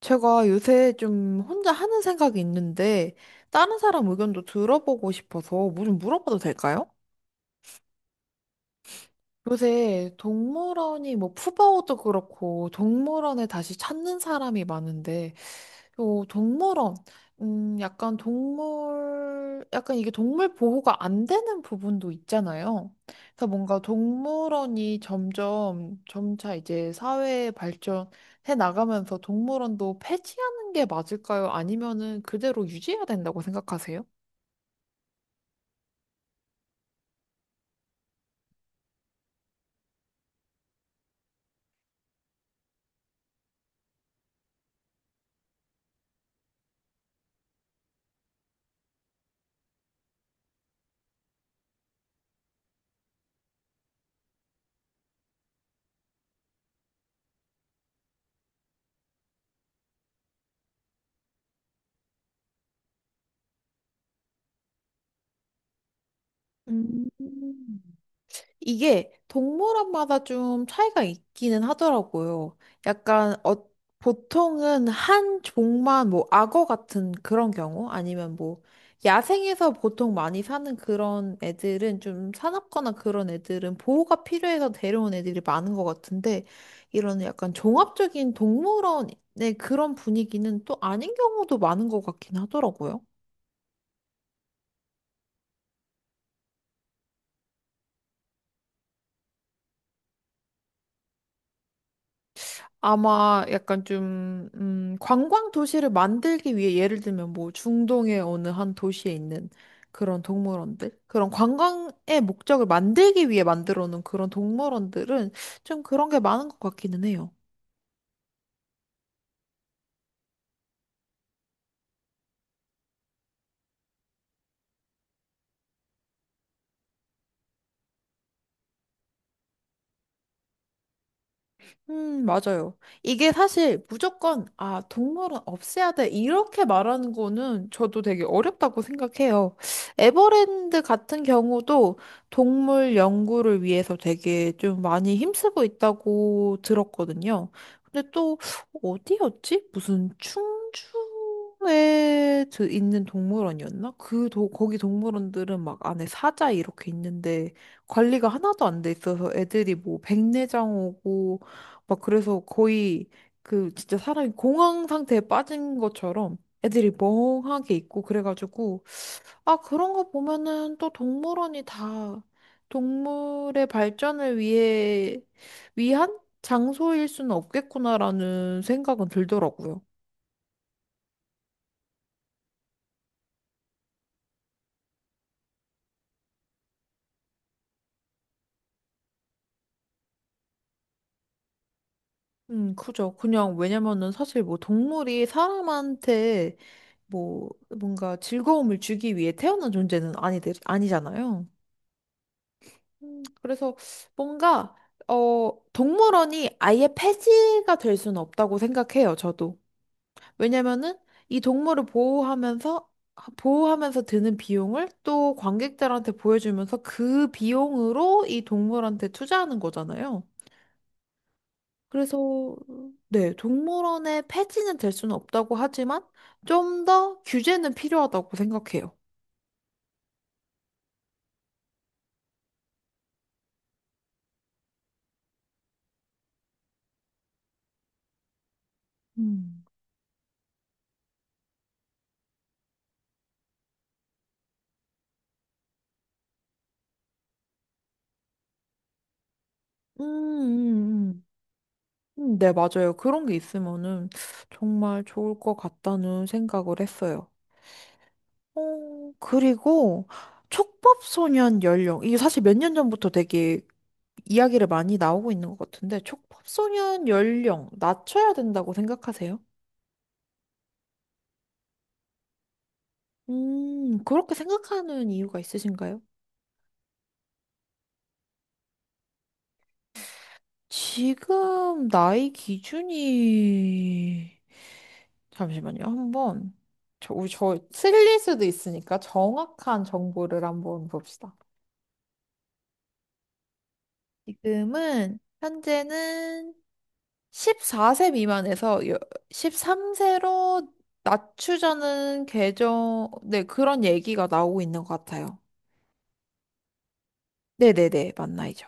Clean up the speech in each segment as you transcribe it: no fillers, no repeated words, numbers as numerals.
제가 요새 좀 혼자 하는 생각이 있는데, 다른 사람 의견도 들어보고 싶어서 뭐 좀 물어봐도 될까요? 요새 동물원이 뭐 푸바오도 그렇고, 동물원에 다시 찾는 사람이 많은데, 요 동물원, 약간 동물, 약간 이게 동물 보호가 안 되는 부분도 있잖아요. 그래서 뭔가 동물원이 점점, 점차 이제 사회 발전해 나가면서 동물원도 폐지하는 게 맞을까요? 아니면은 그대로 유지해야 된다고 생각하세요? 음. 이게 동물원마다 좀 차이가 있기는 하더라고요. 약간 보통은 한 종만 뭐 악어 같은 그런 경우 아니면 뭐 야생에서 보통 많이 사는 그런 애들은 좀 사납거나 그런 애들은 보호가 필요해서 데려온 애들이 많은 것 같은데, 이런 약간 종합적인 동물원의 그런 분위기는 또 아닌 경우도 많은 것 같긴 하더라고요. 아마 약간 좀, 관광 도시를 만들기 위해 예를 들면 뭐 중동의 어느 한 도시에 있는 그런 동물원들? 그런 관광의 목적을 만들기 위해 만들어 놓은 그런 동물원들은 좀 그런 게 많은 것 같기는 해요. 맞아요. 이게 사실 무조건, 아, 동물은 없애야 돼. 이렇게 말하는 거는 저도 되게 어렵다고 생각해요. 에버랜드 같은 경우도 동물 연구를 위해서 되게 좀 많이 힘쓰고 있다고 들었거든요. 근데 또, 어디였지? 무슨 충주에 있는 동물원이었나? 그, 도, 거기 동물원들은 막 안에 사자 이렇게 있는데 관리가 하나도 안 돼 있어서 애들이 뭐 백내장 오고 막 그래서 거의 그 진짜 사람이 공황 상태에 빠진 것처럼 애들이 멍하게 있고 그래가지고 아 그런 거 보면은 또 동물원이 다 동물의 발전을 위해 위한 장소일 수는 없겠구나라는 생각은 들더라고요. 그죠. 그냥 왜냐면은 사실 뭐 동물이 사람한테 뭐 뭔가 즐거움을 주기 위해 태어난 존재는 아니, 아니잖아요. 그래서 뭔가 동물원이 아예 폐지가 될 수는 없다고 생각해요, 저도. 왜냐면은 이 동물을 보호하면서 드는 비용을 또 관객들한테 보여주면서 그 비용으로 이 동물한테 투자하는 거잖아요. 그래서 네, 동물원의 폐지는 될 수는 없다고 하지만 좀 더 규제는 필요하다고 생각해요. 음. 음, 음, 음. 네, 맞아요. 그런 게 있으면은 정말 좋을 것 같다는 생각을 했어요. 그리고 촉법소년 연령. 이게 사실 몇 년 전부터 되게 이야기를 많이 나오고 있는 것 같은데, 촉법소년 연령 낮춰야 된다고 생각하세요? 그렇게 생각하는 이유가 있으신가요? 지금 나이 기준이 잠시만요. 한번 저, 우리 저 틀릴 수도 있으니까 정확한 정보를 한번 봅시다. 지금은 현재는 14세 미만에서 13세로 낮추자는 개정, 네, 그런 얘기가 나오고 있는 것 같아요. 네네네, 만 나이죠.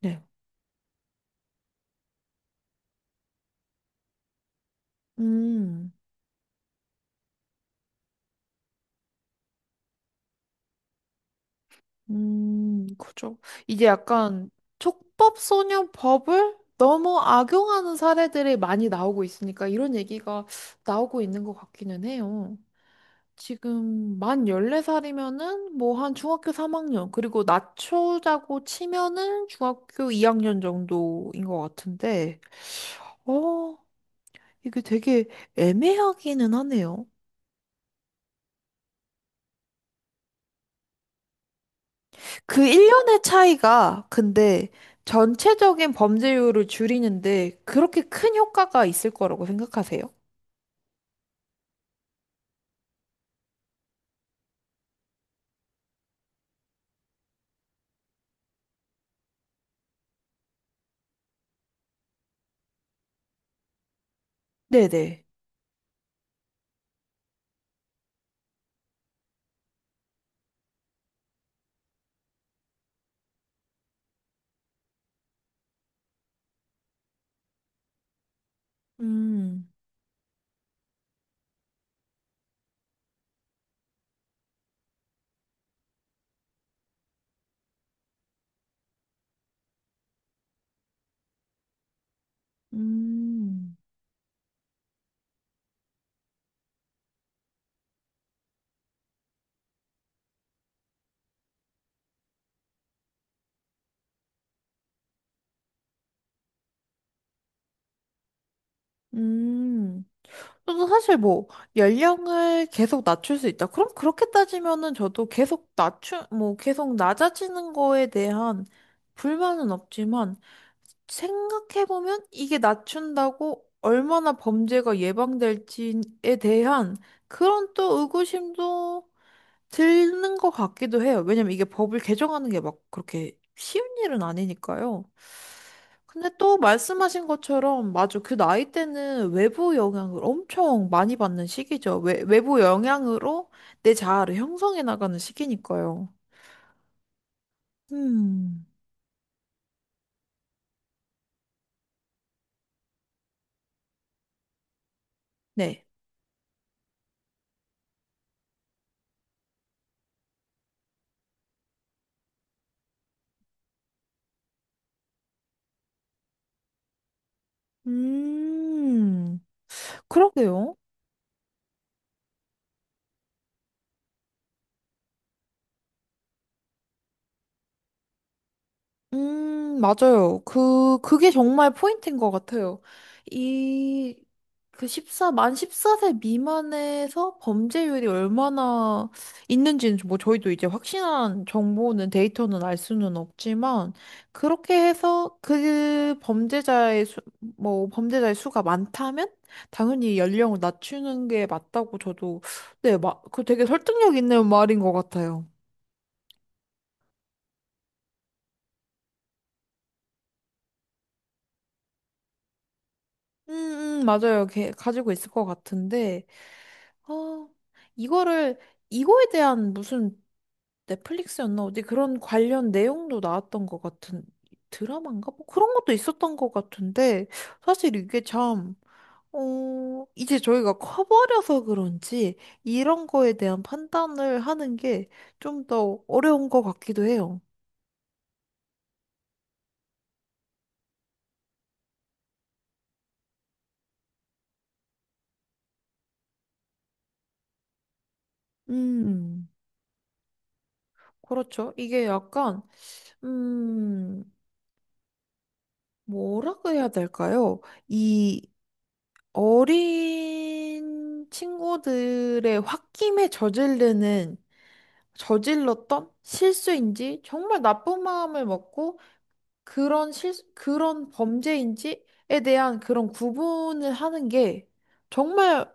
네. 음, 그죠. 이제 약간 촉법소년법을 너무 악용하는 사례들이 많이 나오고 있으니까 이런 얘기가 나오고 있는 것 같기는 해요. 지금 만 14살이면은 뭐 한 중학교 3학년, 그리고 낮추자고 치면은 중학교 2학년 정도인 것 같은데, 어, 이게 되게 애매하기는 하네요. 그 1년의 차이가 근데 전체적인 범죄율을 줄이는데 그렇게 큰 효과가 있을 거라고 생각하세요? 네네. 음, 음, 음. 저도 사실 뭐 연령을 계속 낮출 수 있다. 그럼 그렇게 따지면은 저도 계속 낮추 뭐 계속 낮아지는 거에 대한 불만은 없지만 생각해보면 이게 낮춘다고 얼마나 범죄가 예방될지에 대한 그런 또 의구심도 드는 것 같기도 해요. 왜냐면 이게 법을 개정하는 게 막 그렇게 쉬운 일은 아니니까요. 근데 또 말씀하신 것처럼, 맞아. 그 나이 때는 외부 영향을 엄청 많이 받는 시기죠. 외부 영향으로 내 자아를 형성해 나가는 시기니까요. 음, 네. 음, 그러게요. 맞아요. 그게 정말 포인트인 것 같아요. 이, 그 십사 만 14세 미만에서 범죄율이 얼마나 있는지는 뭐 저희도 이제 확실한 정보는 데이터는 알 수는 없지만 그렇게 해서 뭐 범죄자의 수가 많다면 당연히 연령을 낮추는 게 맞다고 저도 네, 막 그 되게 설득력 있는 말인 것 같아요. 맞아요. 걔 가지고 있을 것 같은데, 어, 이거를, 이거에 대한 무슨 넷플릭스였나? 어디 그런 관련 내용도 나왔던 것 같은 드라마인가? 뭐 그런 것도 있었던 것 같은데, 사실 이게 참, 이제 저희가 커버려서 그런지 이런 거에 대한 판단을 하는 게 좀 더 어려운 것 같기도 해요. 음, 그렇죠. 이게 약간, 음, 뭐라고 해야 될까요? 이 어린 친구들의 저질렀던 실수인지 정말 나쁜 마음을 먹고 그런 범죄인지에 대한 그런 구분을 하는 게 정말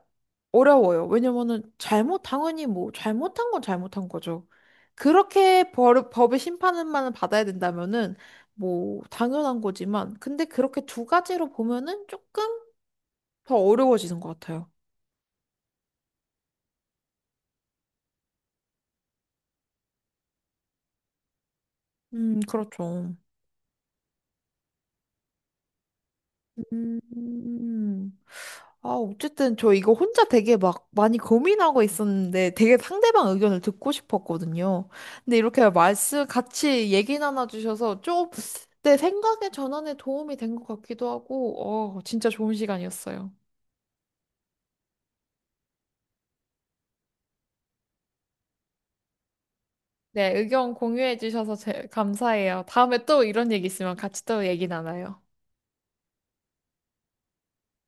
어려워요. 왜냐면은 잘못, 당연히 뭐, 잘못한 건 잘못한 거죠. 법의 심판만 받아야 된다면은 뭐, 당연한 거지만, 근데 그렇게 두 가지로 보면은 조금 더 어려워지는 것 같아요. 그렇죠. 음. 음. 아, 어쨌든 저 이거 혼자 되게 막 많이 고민하고 있었는데 되게 상대방 의견을 듣고 싶었거든요. 근데 이렇게 말씀 같이 얘기 나눠주셔서 좀 내 생각의 전환에 도움이 된 것 같기도 하고, 진짜 좋은 시간이었어요. 네, 의견 공유해 주셔서 감사해요. 다음에 또 이런 얘기 있으면 같이 또 얘기 나눠요.